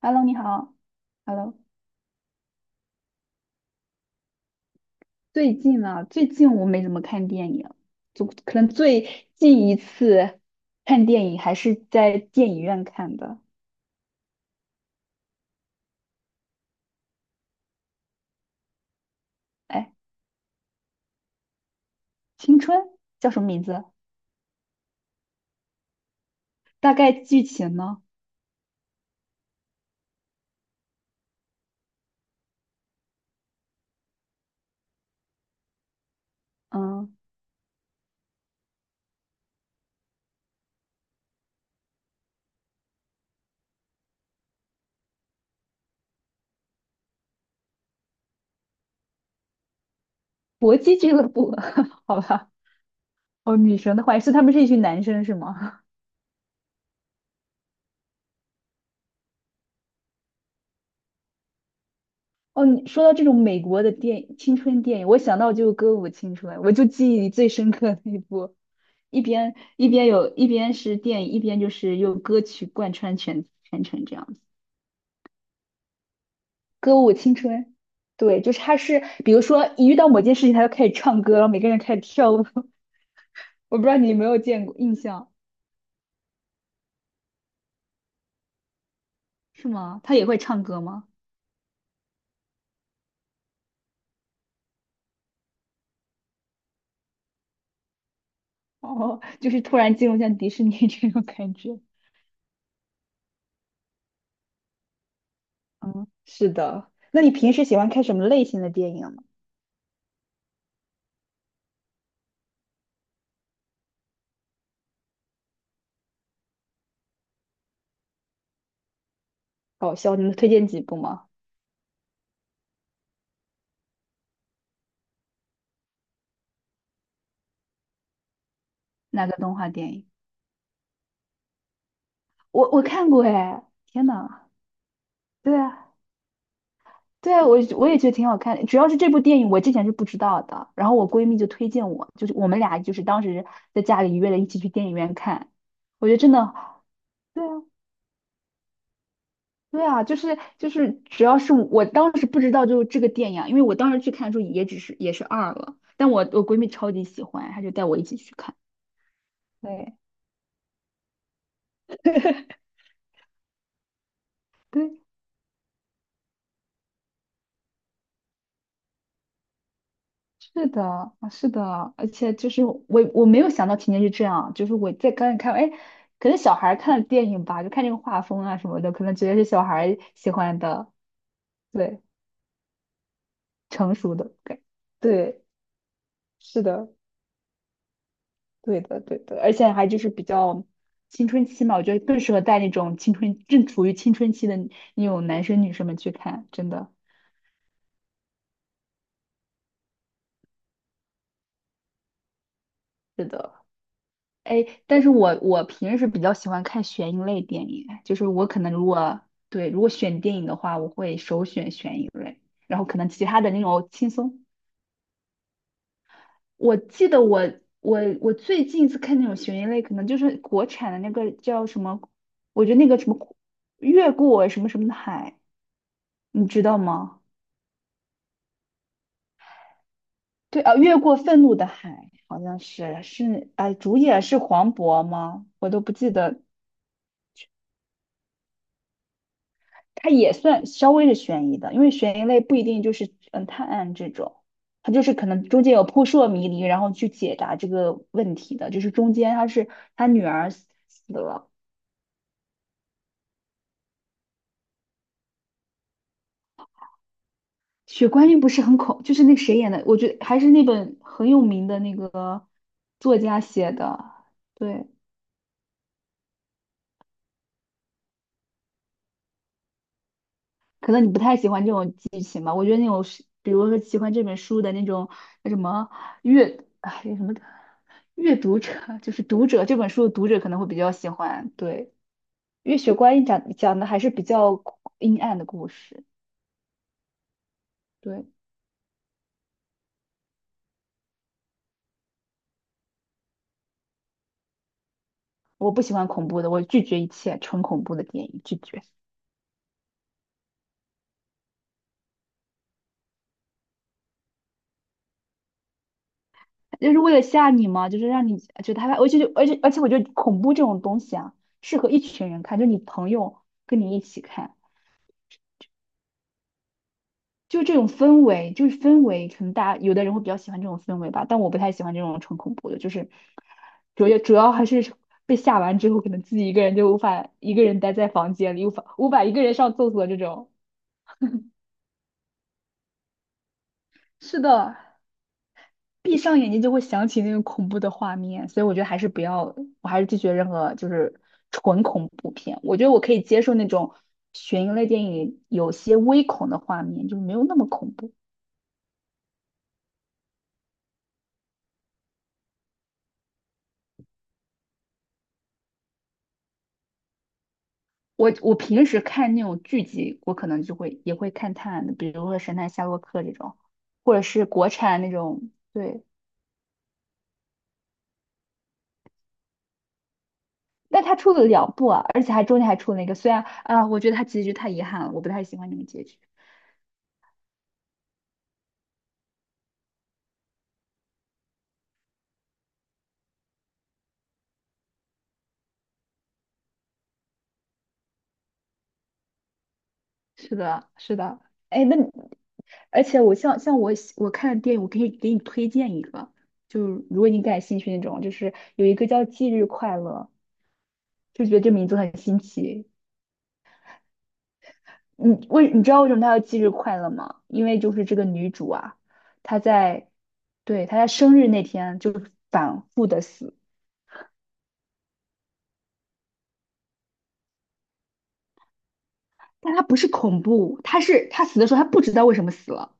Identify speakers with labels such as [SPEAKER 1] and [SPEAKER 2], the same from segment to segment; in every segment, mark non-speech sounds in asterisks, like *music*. [SPEAKER 1] Hello，你好。Hello，最近我没怎么看电影，就可能最近一次看电影还是在电影院看的。哎，青春叫什么名字？大概剧情呢？嗯，搏击俱乐部，*laughs* 好吧。哦，女神的话是他们是一群男生是吗？*laughs* 哦，你说到这种美国的青春电影，我想到就《歌舞青春》，我就记忆里最深刻的一部，一边有一边是电影，一边就是用歌曲贯穿全程这样子。歌舞青春，对，就是他是比如说一遇到某件事情，他就开始唱歌，然后每个人开始跳舞。*laughs* 我不知道你有没有见过印象，是吗？他也会唱歌吗？哦，就是突然进入像迪士尼 *laughs* 这种感觉。嗯，是的。那你平时喜欢看什么类型的电影呢？搞笑，你能推荐几部吗？哪个动画电影？我看过哎，天呐，对啊，对啊，我也觉得挺好看的。主要是这部电影我之前是不知道的，然后我闺蜜就推荐我，就是我们俩就是当时在家里约了一起去电影院看，我觉得真的，对啊，对啊，就是主要是我当时不知道就是这个电影啊因为我当时去看的时候也是二了，但我闺蜜超级喜欢，她就带我一起去看，对 *laughs* 对。是的，啊是的，而且就是我没有想到情节是这样，就是我在刚才看，哎，可能小孩儿看电影吧，就看这个画风啊什么的，可能觉得是小孩儿喜欢的，对，成熟的感，对，是的，对的，对的，而且还就是比较青春期嘛，我觉得更适合带那种正处于青春期的那种男生女生们去看，真的，是的。哎，但是我平时比较喜欢看悬疑类电影，就是我可能对，如果选电影的话，我会首选悬疑类，然后可能其他的那种轻松。我记得我最近一次看那种悬疑类，可能就是国产的那个叫什么，我觉得那个什么越过什么什么的海，你知道吗？对啊，越过愤怒的海好像是哎，主演是黄渤吗？我都不记得它也算稍微是悬疑的，因为悬疑类不一定就是探案这种，它就是可能中间有扑朔迷离，然后去解答这个问题的。就是中间他女儿死了，血观音不是很恐，就是那个谁演的，我觉得还是那本很有名的那个作家写的，对，可能你不太喜欢这种剧情吧？我觉得那种是，比如说喜欢这本书的那种那什么哎，什么阅读者，就是读者这本书的读者可能会比较喜欢。对，月雪血观音》讲讲的还是比较阴暗的故事。对，我不喜欢恐怖的，我拒绝一切纯恐怖的电影，拒绝。就是为了吓你嘛，就是让你觉得害怕。而且就而且而且，我觉得恐怖这种东西啊，适合一群人看，就你朋友跟你一起看。就这种氛围，就是氛围，可能大家有的人会比较喜欢这种氛围吧，但我不太喜欢这种纯恐怖的，就是主要还是 *laughs* 被吓完之后，可能自己一个人就无法一个人待在房间里，无法一个人上厕所这种。*laughs* 是的，闭上眼睛就会想起那种恐怖的画面，所以我觉得还是不要，我还是拒绝任何就是纯恐怖片。我觉得我可以接受那种悬疑类电影有些微恐的画面，就是没有那么恐怖。我平时看那种剧集，我可能就会也会看探案的，比如说《神探夏洛克》这种，或者是国产那种。对，但他出了两部啊，而且还中间还出了一个，虽然啊，我觉得他结局太遗憾了，我不太喜欢那种结局。是的，是的。哎，那你而且我像我看电影，我可以给你推荐一个，就是如果你感兴趣那种，就是有一个叫《忌日快乐》，就觉得这名字很新奇，你知道为什么她要忌日快乐吗？因为就是这个女主啊，她在对，她在生日那天就是反复的死，但她不是恐怖，她是她死的时候她不知道为什么死了，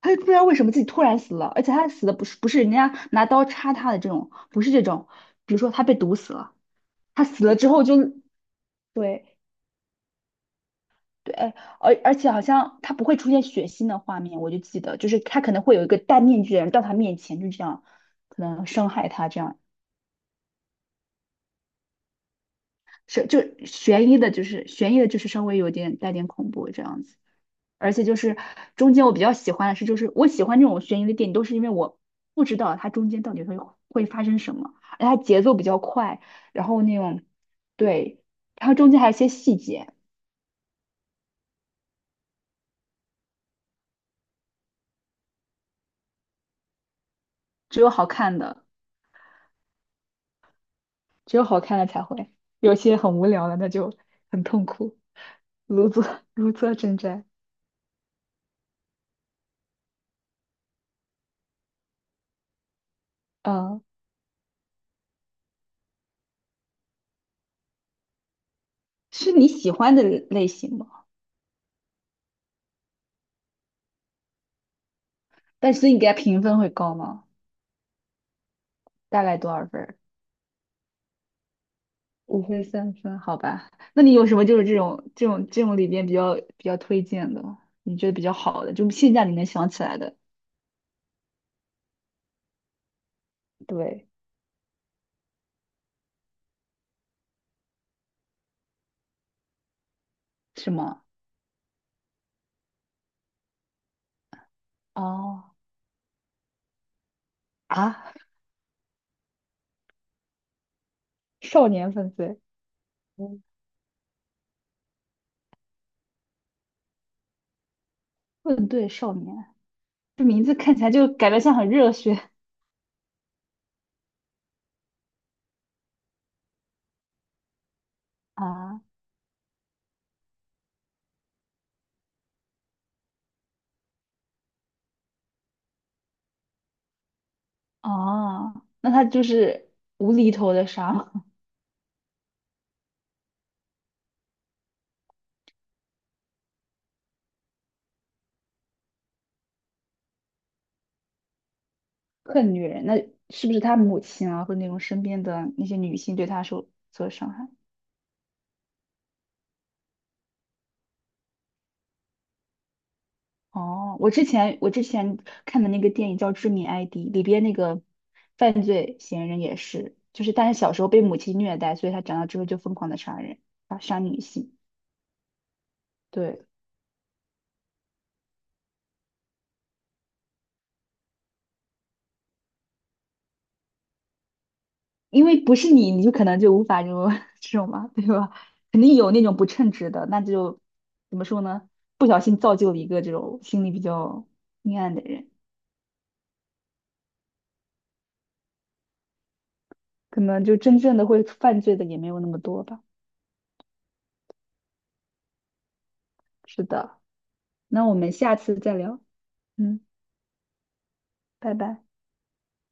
[SPEAKER 1] 她就不知道为什么自己突然死了，而且她死的不是人家拿刀插她的这种，不是这种，比如说她被毒死了，她死了之后就对。对，而且好像她不会出现血腥的画面，我就记得，就是她可能会有一个戴面具的人到她面前，就这样可能伤害她这样。是就悬疑的，就是悬疑的，就是稍微有点带点恐怖这样子。而且就是中间我比较喜欢的是，就是我喜欢这种悬疑的电影，都是因为我不知道它中间到底会发生什么，而且它节奏比较快，然后那种对，然后中间还有一些细节，只有好看的，只有好看的才会，有些很无聊的那就很痛苦，如坐 *laughs* 如坐针毡。嗯，是你喜欢的类型吗？但是你给它评分会高吗？大概多少分？五分三分，好吧？那你有什么就是这种里边比较推荐的，你觉得比较好的，就现在你能想起来的，对，是吗？哦啊，少年犯罪，嗯，对少年，这名字看起来就感觉像很热血啊啊，那他就是无厘头的杀吗，*laughs* 恨女人，那是不是他母亲啊，或者那种身边的那些女性对他受所伤害？哦，我之前看的那个电影叫《致命 ID》，里边那个犯罪嫌疑人也是，就是但是小时候被母亲虐待，所以他长大之后就疯狂的杀人，啊，杀女性。对，因为不是你，你就可能无法这种 *laughs* 这种嘛，对吧？肯定有那种不称职的，那就怎么说呢？不小心造就了一个这种心理比较阴暗的人，可能就真正的会犯罪的也没有那么多吧。是的，那我们下次再聊，嗯，拜拜。